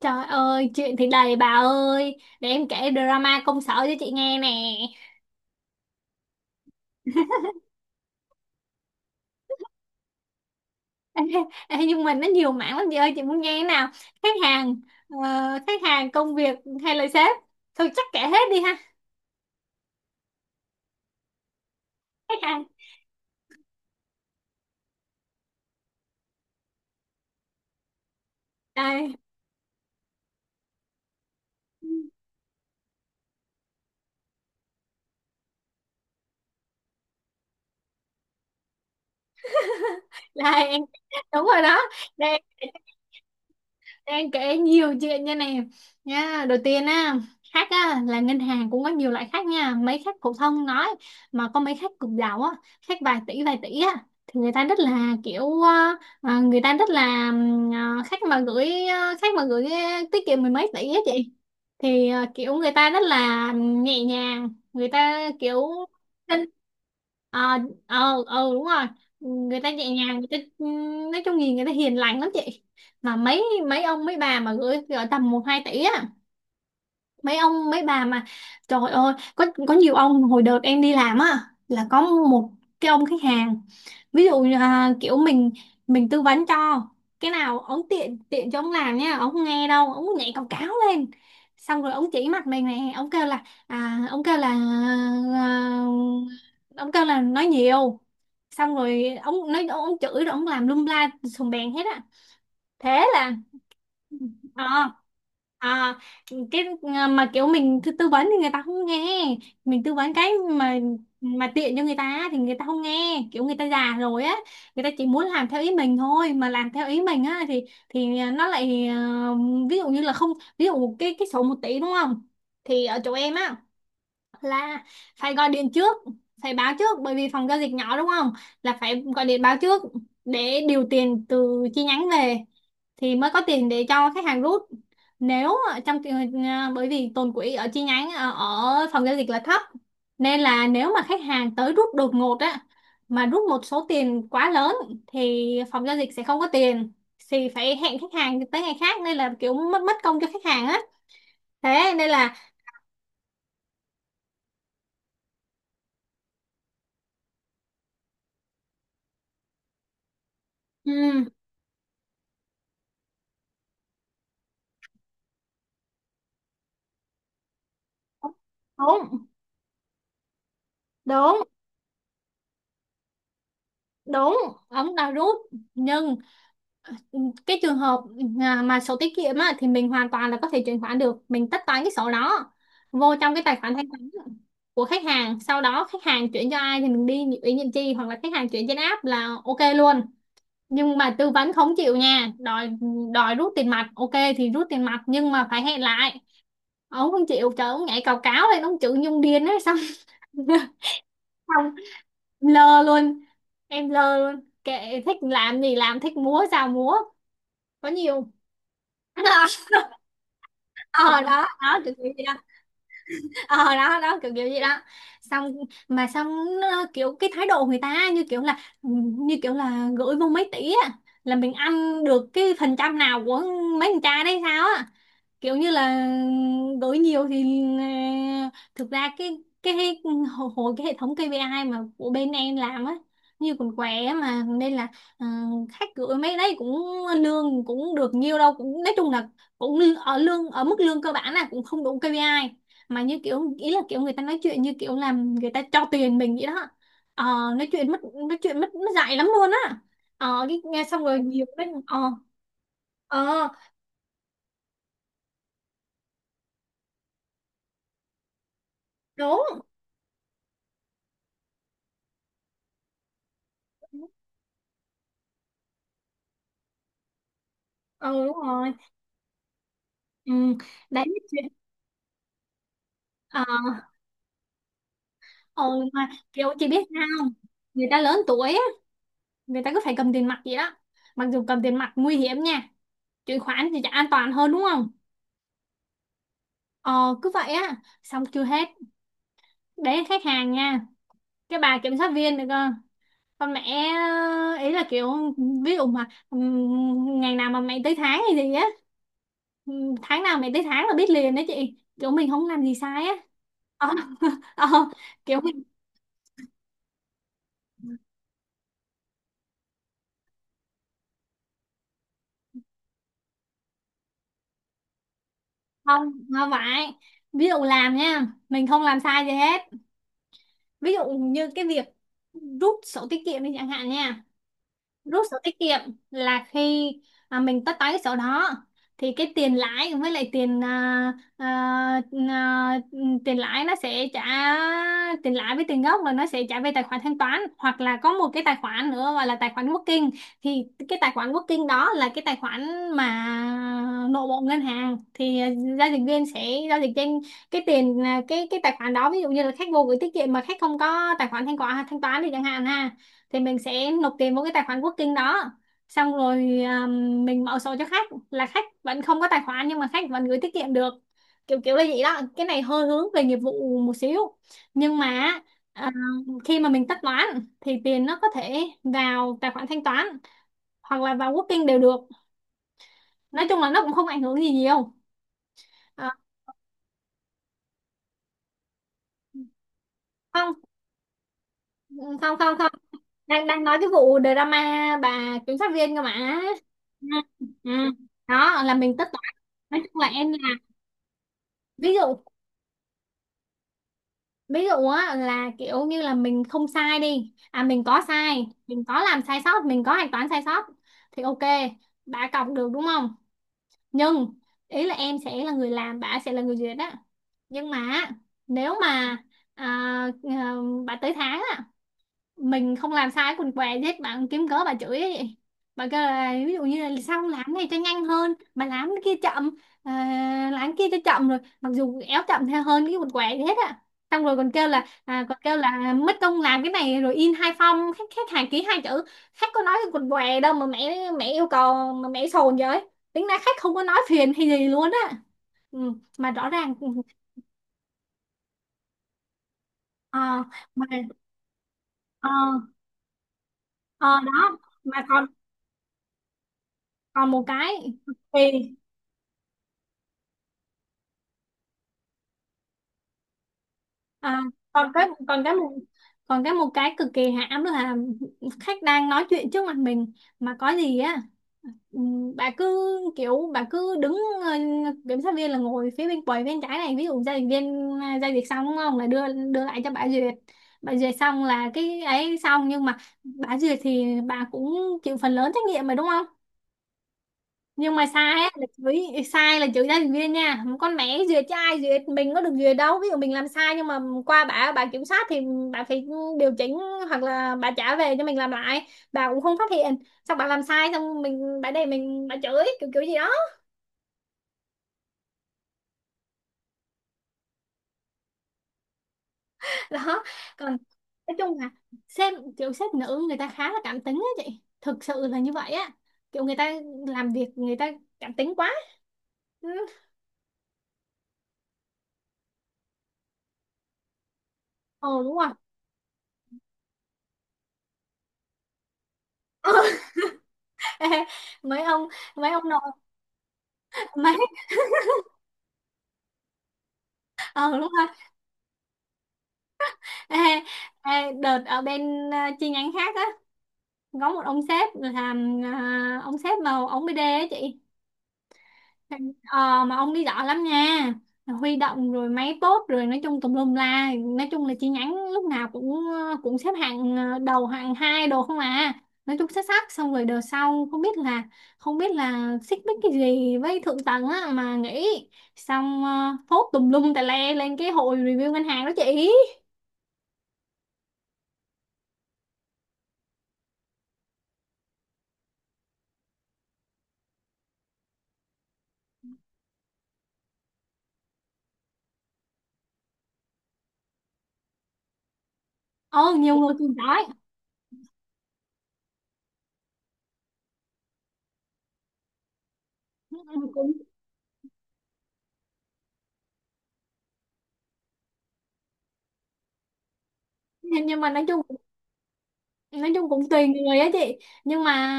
Trời ơi, chuyện thì đầy bà ơi. Để em kể drama công sở cho chị nghe nè. Ê, ê, nhưng mà nó nhiều mảng lắm chị ơi, chị muốn nghe thế nào? Khách hàng, ờ, khách hàng, công việc hay là sếp? Thôi chắc kể hết đi ha. Khách hàng. Đây, đây em, đúng rồi đó. Đây đang kể nhiều chuyện nha nè, nha đầu tiên á, khách á là ngân hàng cũng có nhiều loại khách nha, mấy khách phổ thông nói, mà có mấy khách cực giàu á, khách vài tỷ á thì người ta rất là kiểu người ta rất là khách mà gửi khách mà gửi tiết kiệm mười mấy tỷ á chị, thì kiểu người ta rất là nhẹ nhàng, người ta kiểu ờ ờ ừ, đúng rồi, người ta nhẹ nhàng, người ta nói chung nhìn người ta hiền lành lắm chị. Mà mấy mấy ông mấy bà mà gửi gửi tầm một hai tỷ á, mấy ông mấy bà mà trời ơi, có nhiều ông hồi đợt em đi làm á là có một cái ông khách hàng, ví dụ như, à, kiểu mình tư vấn cho cái nào ông tiện tiện cho ông làm nha, ông không nghe đâu, ông nhảy cào cáo lên, xong rồi ông chỉ mặt mình nè, ông kêu là, ông kêu là, à, ông kêu là nói nhiều, xong rồi ông nói ông chửi rồi ông làm lum la sùng bèn hết á. Thế là à à cái, mà kiểu mình tư tư vấn thì người ta không nghe, mình tư vấn cái mà tiện cho người ta thì người ta không nghe, kiểu người ta già rồi á, người ta chỉ muốn làm theo ý mình thôi, mà làm theo ý mình á thì nó lại ví dụ như là không, ví dụ cái sổ một tỷ đúng không, thì ở chỗ em á là phải gọi điện trước, phải báo trước bởi vì phòng giao dịch nhỏ đúng không, là phải gọi điện báo trước để điều tiền từ chi nhánh về, thì mới có tiền để cho khách hàng rút. Nếu trong trường hợp, bởi vì tồn quỹ ở chi nhánh ở phòng giao dịch là thấp, nên là nếu mà khách hàng tới rút đột ngột á, mà rút một số tiền quá lớn thì phòng giao dịch sẽ không có tiền, thì phải hẹn khách hàng tới ngày khác, nên là kiểu mất mất công cho khách hàng á. Thế nên là ừ, đúng đúng đúng ống đã rút, nhưng Ừ, cái trường hợp mà sổ tiết kiệm á, thì mình hoàn toàn là có thể chuyển khoản được, mình tất toán cái sổ đó vô trong cái tài khoản thanh toán của khách hàng, sau đó khách hàng chuyển cho ai thì mình đi ủy nhiệm chi hoặc là khách hàng chuyển trên app là ok luôn. Nhưng mà tư vấn không chịu nha, đòi đòi rút tiền mặt, ok thì rút tiền mặt, nhưng mà phải hẹn lại. Ông không chịu, trời, ông nhảy cào cáo lên, ông chữ nhung điên ấy, xong xong lơ luôn, em lơ luôn, kệ, thích làm gì làm, thích múa sao múa, có nhiều. Ờ đó đó, kiểu kiểu gì đó. Ờ đó đó, kiểu kiểu gì đó. Xong mà xong, nó kiểu cái thái độ người ta như kiểu là, như kiểu là gửi vô mấy tỷ á là mình ăn được cái phần trăm nào của mấy con trai đấy sao á, kiểu như là đổi nhiều thì thực ra cái hệ- hồi hồi cái hệ thống KPI mà của bên em làm á, như còn què á, mà nên là ờ, khách gửi mấy đấy cũng lương cũng được nhiều đâu, cũng nói chung là cũng lư- ở lương ở mức lương cơ bản là cũng không đủ KPI. Mà như kiểu ý là kiểu người ta nói chuyện như kiểu làm người ta cho tiền mình vậy đó. Ờ, nói chuyện mất, nói chuyện mất mất dạy lắm luôn á. Ờ cái nghe xong rồi nhiều cái ờ đúng, ừ đúng rồi, ừ. Đấy chị- ờ ừ, mà kiểu chị biết sao không? Người ta lớn tuổi á, người ta cứ phải cầm tiền mặt vậy đó. Mặc dù cầm tiền mặt nguy hiểm nha, chuyển khoản thì chả an toàn hơn đúng không. Ờ cứ vậy á, xong chưa hết. Đấy khách hàng nha. Cái bà kiểm sát viên được cơ, con mẹ ý là kiểu ví dụ mà ngày nào mà mày tới tháng hay gì á, tháng nào mày tới tháng là biết liền đó chị, kiểu mình không làm gì sai á. Ờ, ờ, Kiểu không không phải, ví dụ làm nha, mình không làm sai gì hết, ví dụ như cái việc rút sổ tiết kiệm đi chẳng hạn nha, rút sổ tiết kiệm là khi mình tất toán cái sổ đó thì cái tiền lãi với lại tiền à, tiền lãi nó sẽ trả, tiền lãi với tiền gốc là nó sẽ trả về tài khoản thanh toán hoặc là có một cái tài khoản nữa gọi là tài khoản working. Thì cái tài khoản working đó là cái tài khoản mà nội bộ ngân hàng thì giao dịch viên sẽ giao dịch trên cái tiền cái tài khoản đó, ví dụ như là khách vô gửi tiết kiệm mà khách không có tài khoản thanh toán thì chẳng hạn ha, thì mình sẽ nộp tiền vào cái tài khoản Working đó, xong rồi mình mở sổ cho khách, là khách vẫn không có tài khoản nhưng mà khách vẫn gửi tiết kiệm được. Kiểu kiểu là vậy đó, cái này hơi hướng về nghiệp vụ một xíu. Nhưng mà à, khi mà mình tất toán thì tiền nó có thể vào tài khoản thanh toán hoặc là vào Working đều được, nói chung là nó cũng không ảnh hưởng gì nhiều. À, không. Ừ, không không không, đang đang nói cái vụ drama bà kiểm sát viên cơ mà. Ừ. Ừ. Đó là mình tất toán, nói chung là em là, ví dụ, ví dụ á là kiểu như là mình không sai đi, à mình có sai, mình có làm sai sót, mình có hạch toán sai sót, thì ok bà cọc được đúng không, nhưng ý là em sẽ là người làm, bà sẽ là người duyệt á. Nhưng mà nếu mà à, à, bà tới tháng á, mình không làm sai quần què gì hết, bạn kiếm cớ bà chửi ấy vậy. Bà kêu là ví dụ như là sao không làm cái này cho nhanh hơn mà làm cái kia chậm, ờ, làm cái kia cho chậm rồi, mặc dù éo chậm theo hơn cái quần què gì hết á. Xong rồi còn kêu là, còn kêu là mất công làm cái này rồi in hai phong, khách khách hàng ký hai chữ, khách có nói cái quần què đâu mà mẹ mẹ yêu cầu mà mẹ sồn vậy. Tính ra khách không có nói phiền hay gì luôn á, ừ, mà rõ ràng ừ, ờ mà ờ ờ đó. Mà còn còn một cái kỳ, À, còn cái còn cái một còn cái một cái cực kỳ hãm là khách đang nói chuyện trước mặt mình mà có gì á, bà cứ, kiểu bà cứ đứng ờ, kiểm sát viên là ngồi phía bên quầy bên trái này, ví dụ giao dịch viên giao dịch xong đúng không là đưa, đưa lại cho bà duyệt. Bà duyệt xong là cái ấy xong, nhưng mà bà duyệt thì bà cũng chịu phần lớn trách nhiệm mà đúng không, nhưng mà sai á là chửi, sai là chửi gia đình viên nha, con mẹ duyệt cho ai duyệt, mình có được duyệt đâu, ví dụ mình làm sai nhưng mà qua bà kiểm soát thì bà phải điều chỉnh hoặc là bà trả về cho mình làm lại, bà cũng không phát hiện, xong bà làm sai, xong mình bà để mình bà chửi kiểu kiểu gì đó. Đó, còn nói chung là sếp, kiểu sếp nữ người ta khá là cảm tính á chị, thực sự là như vậy á, kiểu người ta làm việc người ta cảm tính quá. Ừ. Ồ đúng rồi. Ê, mấy ông, mấy ông nội, mấy ờ đúng rồi. Ê, ê, đợt ở bên chi nhánh khác á, có một ông sếp làm, ông sếp mà ông BD á chị, ờ mà ông đi giỏi lắm nha, huy động rồi máy tốt rồi nói chung tùm lum la, nói chung là chi nhánh lúc nào cũng cũng xếp hạng đầu hạng hai đồ không à, nói chung xuất sắc. Xong rồi đợt sau không biết là, không biết là xích mích cái gì với thượng tầng á mà nghỉ, xong phốt tùm lum tà le lên cái hội review ngân hàng đó chị. Ờ nhiều người cùng giỏi. Ừ, cũng nhưng mà nói chung, nói chung cũng tùy người á chị. Nhưng mà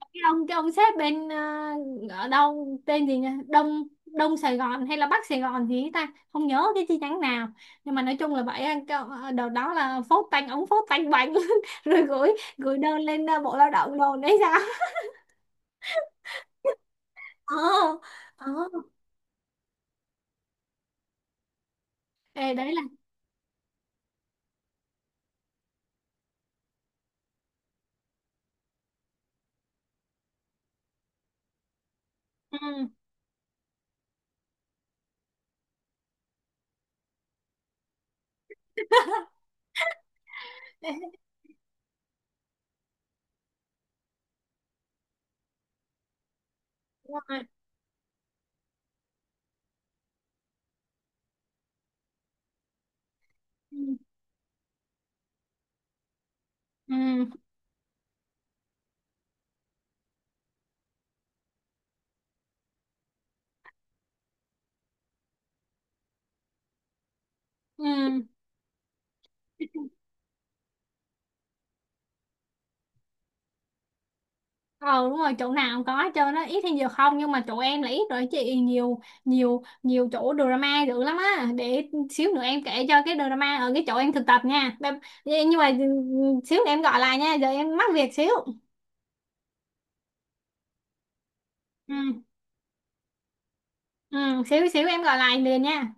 cái ông sếp bên ở đâu tên gì nhỉ, Đông, Đông Sài Gòn hay là Bắc Sài Gòn gì ấy ta, không nhớ cái chi nhánh nào, nhưng mà nói chung là vậy á, cái, đợt đó là phốt tanh ống phốt tanh bành rồi gửi, gửi đơn lên Bộ Lao động đồn đấy sao. Ờ ờ. Ê, đấy là ừ. Ê, đúng rồi. Ừ. Ừ. Ừ. Ừ đúng rồi, chỗ nào cũng có hết trơn á, ít hay nhiều không, nhưng mà chỗ em là ít rồi chị, nhiều nhiều nhiều chỗ drama dữ lắm á. Để xíu nữa em kể cho cái drama ở cái chỗ em thực tập nha. Bye- nhưng mà ừ, xíu nữa em gọi lại nha, giờ em mắc việc xíu. Ừ, ừ, xíu xíu em gọi lại liền nha.